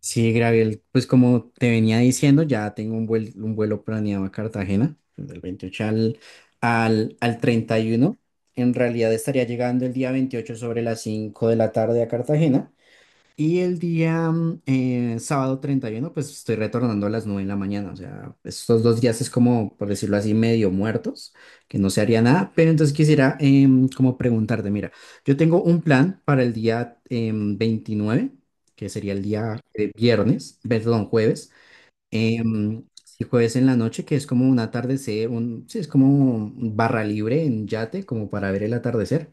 Sí, Gabriel, pues como te venía diciendo, ya tengo un vuelo planeado a Cartagena, del 28 al 31. En realidad estaría llegando el día 28 sobre las 5 de la tarde a Cartagena y el día sábado 31 pues estoy retornando a las 9 de la mañana. O sea, estos dos días es como, por decirlo así, medio muertos, que no se haría nada. Pero entonces quisiera como preguntarte, mira, yo tengo un plan para el día 29, que sería el día viernes, perdón, jueves. Sí, jueves en la noche, que es como un atardecer, un, sí, es como un barra libre en yate, como para ver el atardecer.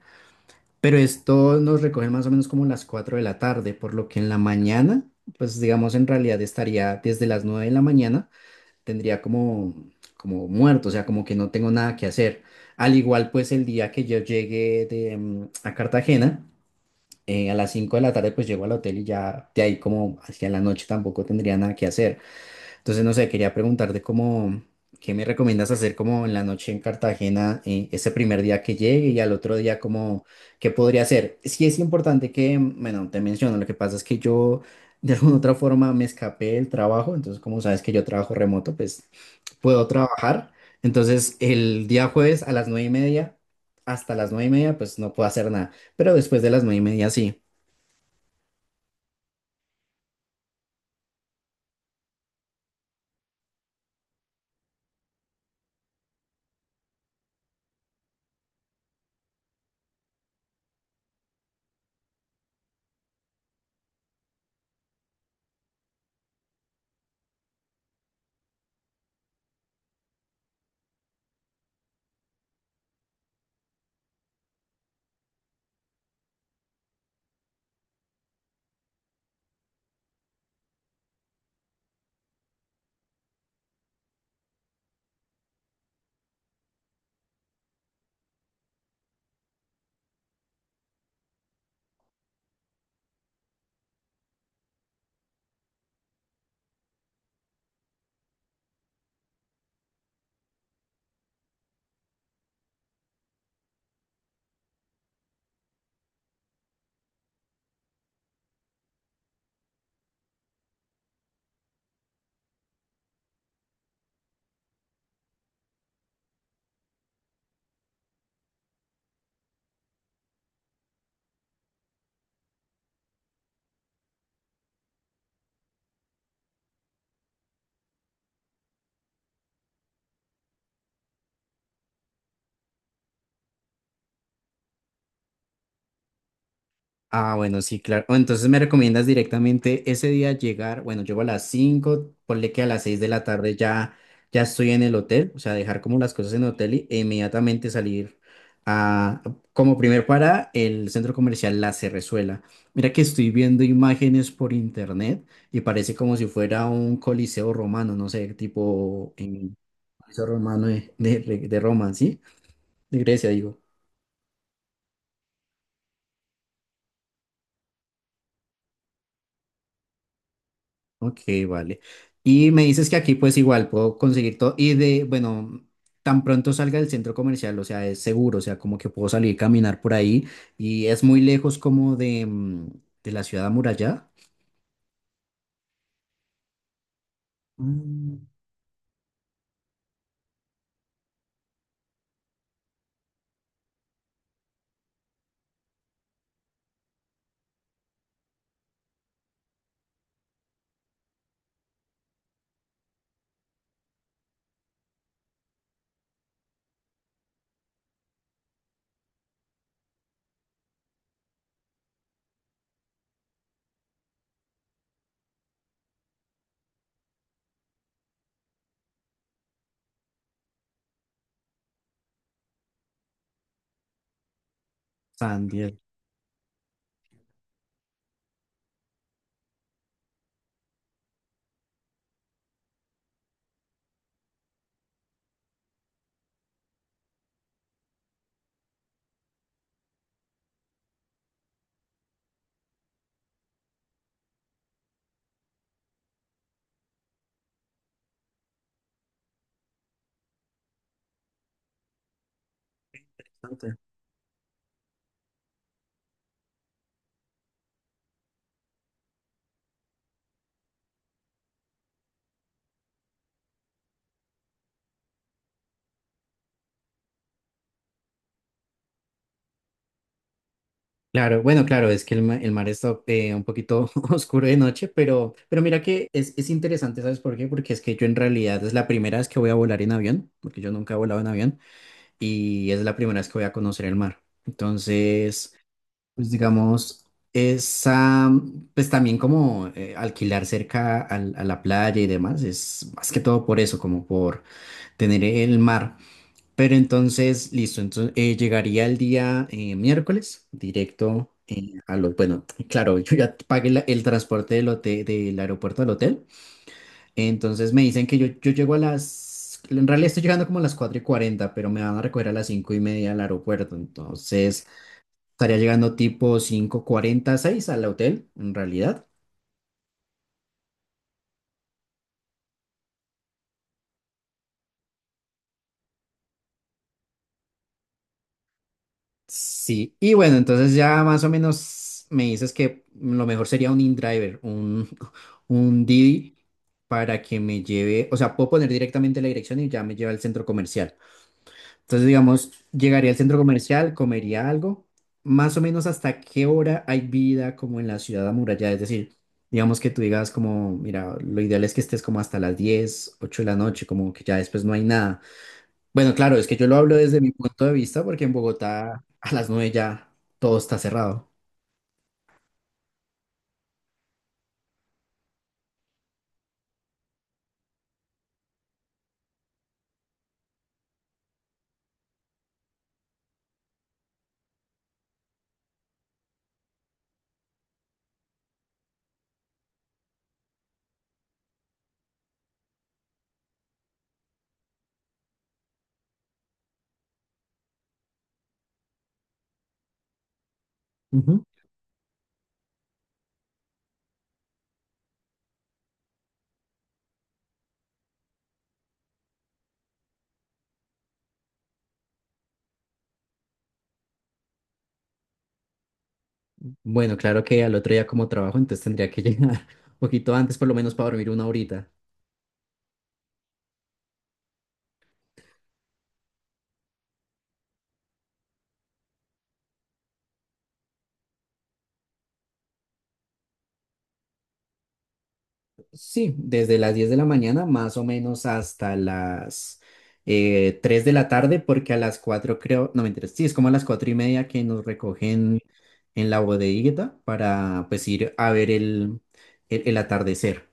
Pero esto nos recoge más o menos como las 4 de la tarde, por lo que en la mañana, pues digamos en realidad estaría desde las 9 de la mañana, tendría como, como muerto, o sea, como que no tengo nada que hacer. Al igual pues el día que yo llegué de, a Cartagena, a las 5 de la tarde pues llego al hotel y ya de ahí como hacia la noche tampoco tendría nada que hacer. Entonces, no sé, quería preguntarte cómo, ¿qué me recomiendas hacer como en la noche en Cartagena, ese primer día que llegue y al otro día como, qué podría hacer? Sí es importante que, bueno, te menciono, lo que pasa es que yo de alguna otra forma me escapé del trabajo, entonces como sabes que yo trabajo remoto, pues puedo trabajar. Entonces, el día jueves a las nueve y media, hasta las nueve y media, pues no puedo hacer nada, pero después de las nueve y media sí. Ah, bueno, sí, claro. O entonces me recomiendas directamente ese día llegar, bueno, llego a las 5, ponle que a las seis de la tarde ya, ya estoy en el hotel, o sea, dejar como las cosas en el hotel e inmediatamente salir a, como primer para el centro comercial La Cerrezuela. Mira que estoy viendo imágenes por internet y parece como si fuera un coliseo romano, no sé, tipo en coliseo romano de de Roma, ¿sí? De Grecia, digo. Ok, vale. Y me dices que aquí pues igual puedo conseguir todo y de, bueno, tan pronto salga del centro comercial, o sea, es seguro, o sea, como que puedo salir caminar por ahí y es muy lejos como de, de la ciudad amurallada. Mm. San Diego. Bastante. Claro, bueno, claro, es que el, el mar está un poquito oscuro de noche, pero mira que es interesante, ¿sabes por qué? Porque es que yo en realidad es la primera vez que voy a volar en avión, porque yo nunca he volado en avión, y es la primera vez que voy a conocer el mar. Entonces, pues digamos, esa, pues también como alquilar cerca a la playa y demás, es más que todo por eso, como por tener el mar. Pero entonces, listo, entonces llegaría el día miércoles, directo a los, bueno, claro, yo ya pagué el transporte del hotel, del aeropuerto al hotel, entonces me dicen que yo llego a las, en realidad estoy llegando como a las 4 y 40 pero me van a recoger a las 5 y media al aeropuerto, entonces. Estaría llegando tipo cinco cuarenta seis al hotel, en realidad. Sí, y bueno, entonces ya más o menos me dices que lo mejor sería un InDriver, un, un Didi, para que me lleve, o sea, puedo poner directamente la dirección y ya me lleva al centro comercial. Entonces, digamos, llegaría al centro comercial, comería algo, más o menos hasta qué hora hay vida como en la ciudad amurallada, es decir, digamos que tú digas como, mira, lo ideal es que estés como hasta las 10 8 de la noche, como que ya después no hay nada. Bueno, claro, es que yo lo hablo desde mi punto de vista porque en Bogotá a las nueve ya todo está cerrado. Ujú. Bueno, claro que al otro día como trabajo, entonces tendría que llegar un poquito antes, por lo menos para dormir una horita. Sí, desde las 10 de la mañana más o menos hasta las 3 de la tarde, porque a las 4 creo, no me interesa, sí, es como a las 4 y media que nos recogen en la bodeguita para pues ir a ver el, el atardecer,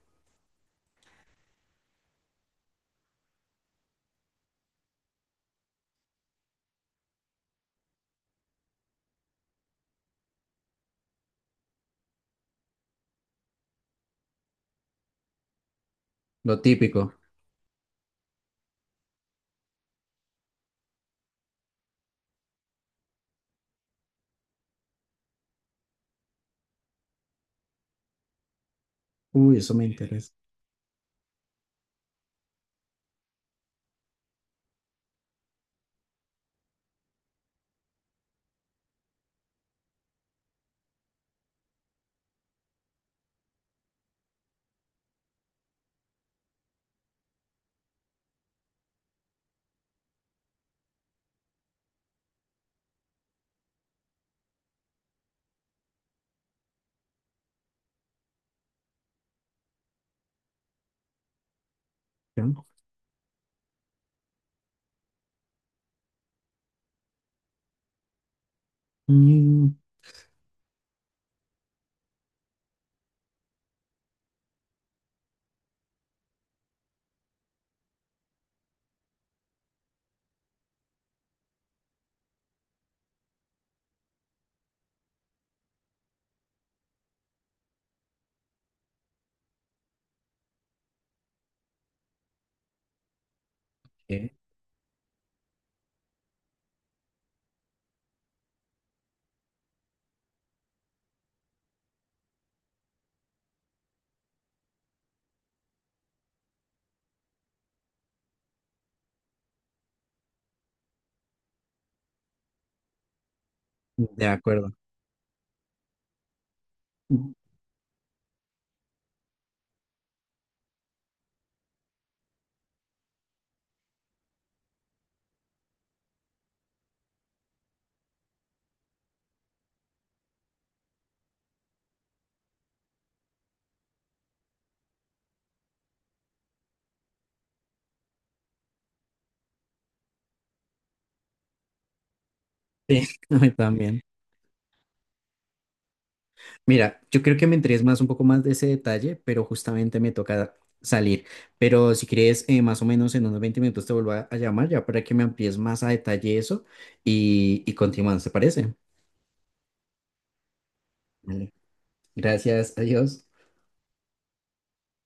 lo típico. Uy, eso me interesa. ¿No? Eh. De acuerdo. Sí, a mí también. Mira, yo creo que me interesa más un poco más de ese detalle, pero justamente me toca salir. Pero si quieres, más o menos en unos 20 minutos te vuelvo a llamar ya para que me amplíes más a detalle eso y continuamos, ¿te parece? Vale. Gracias, adiós.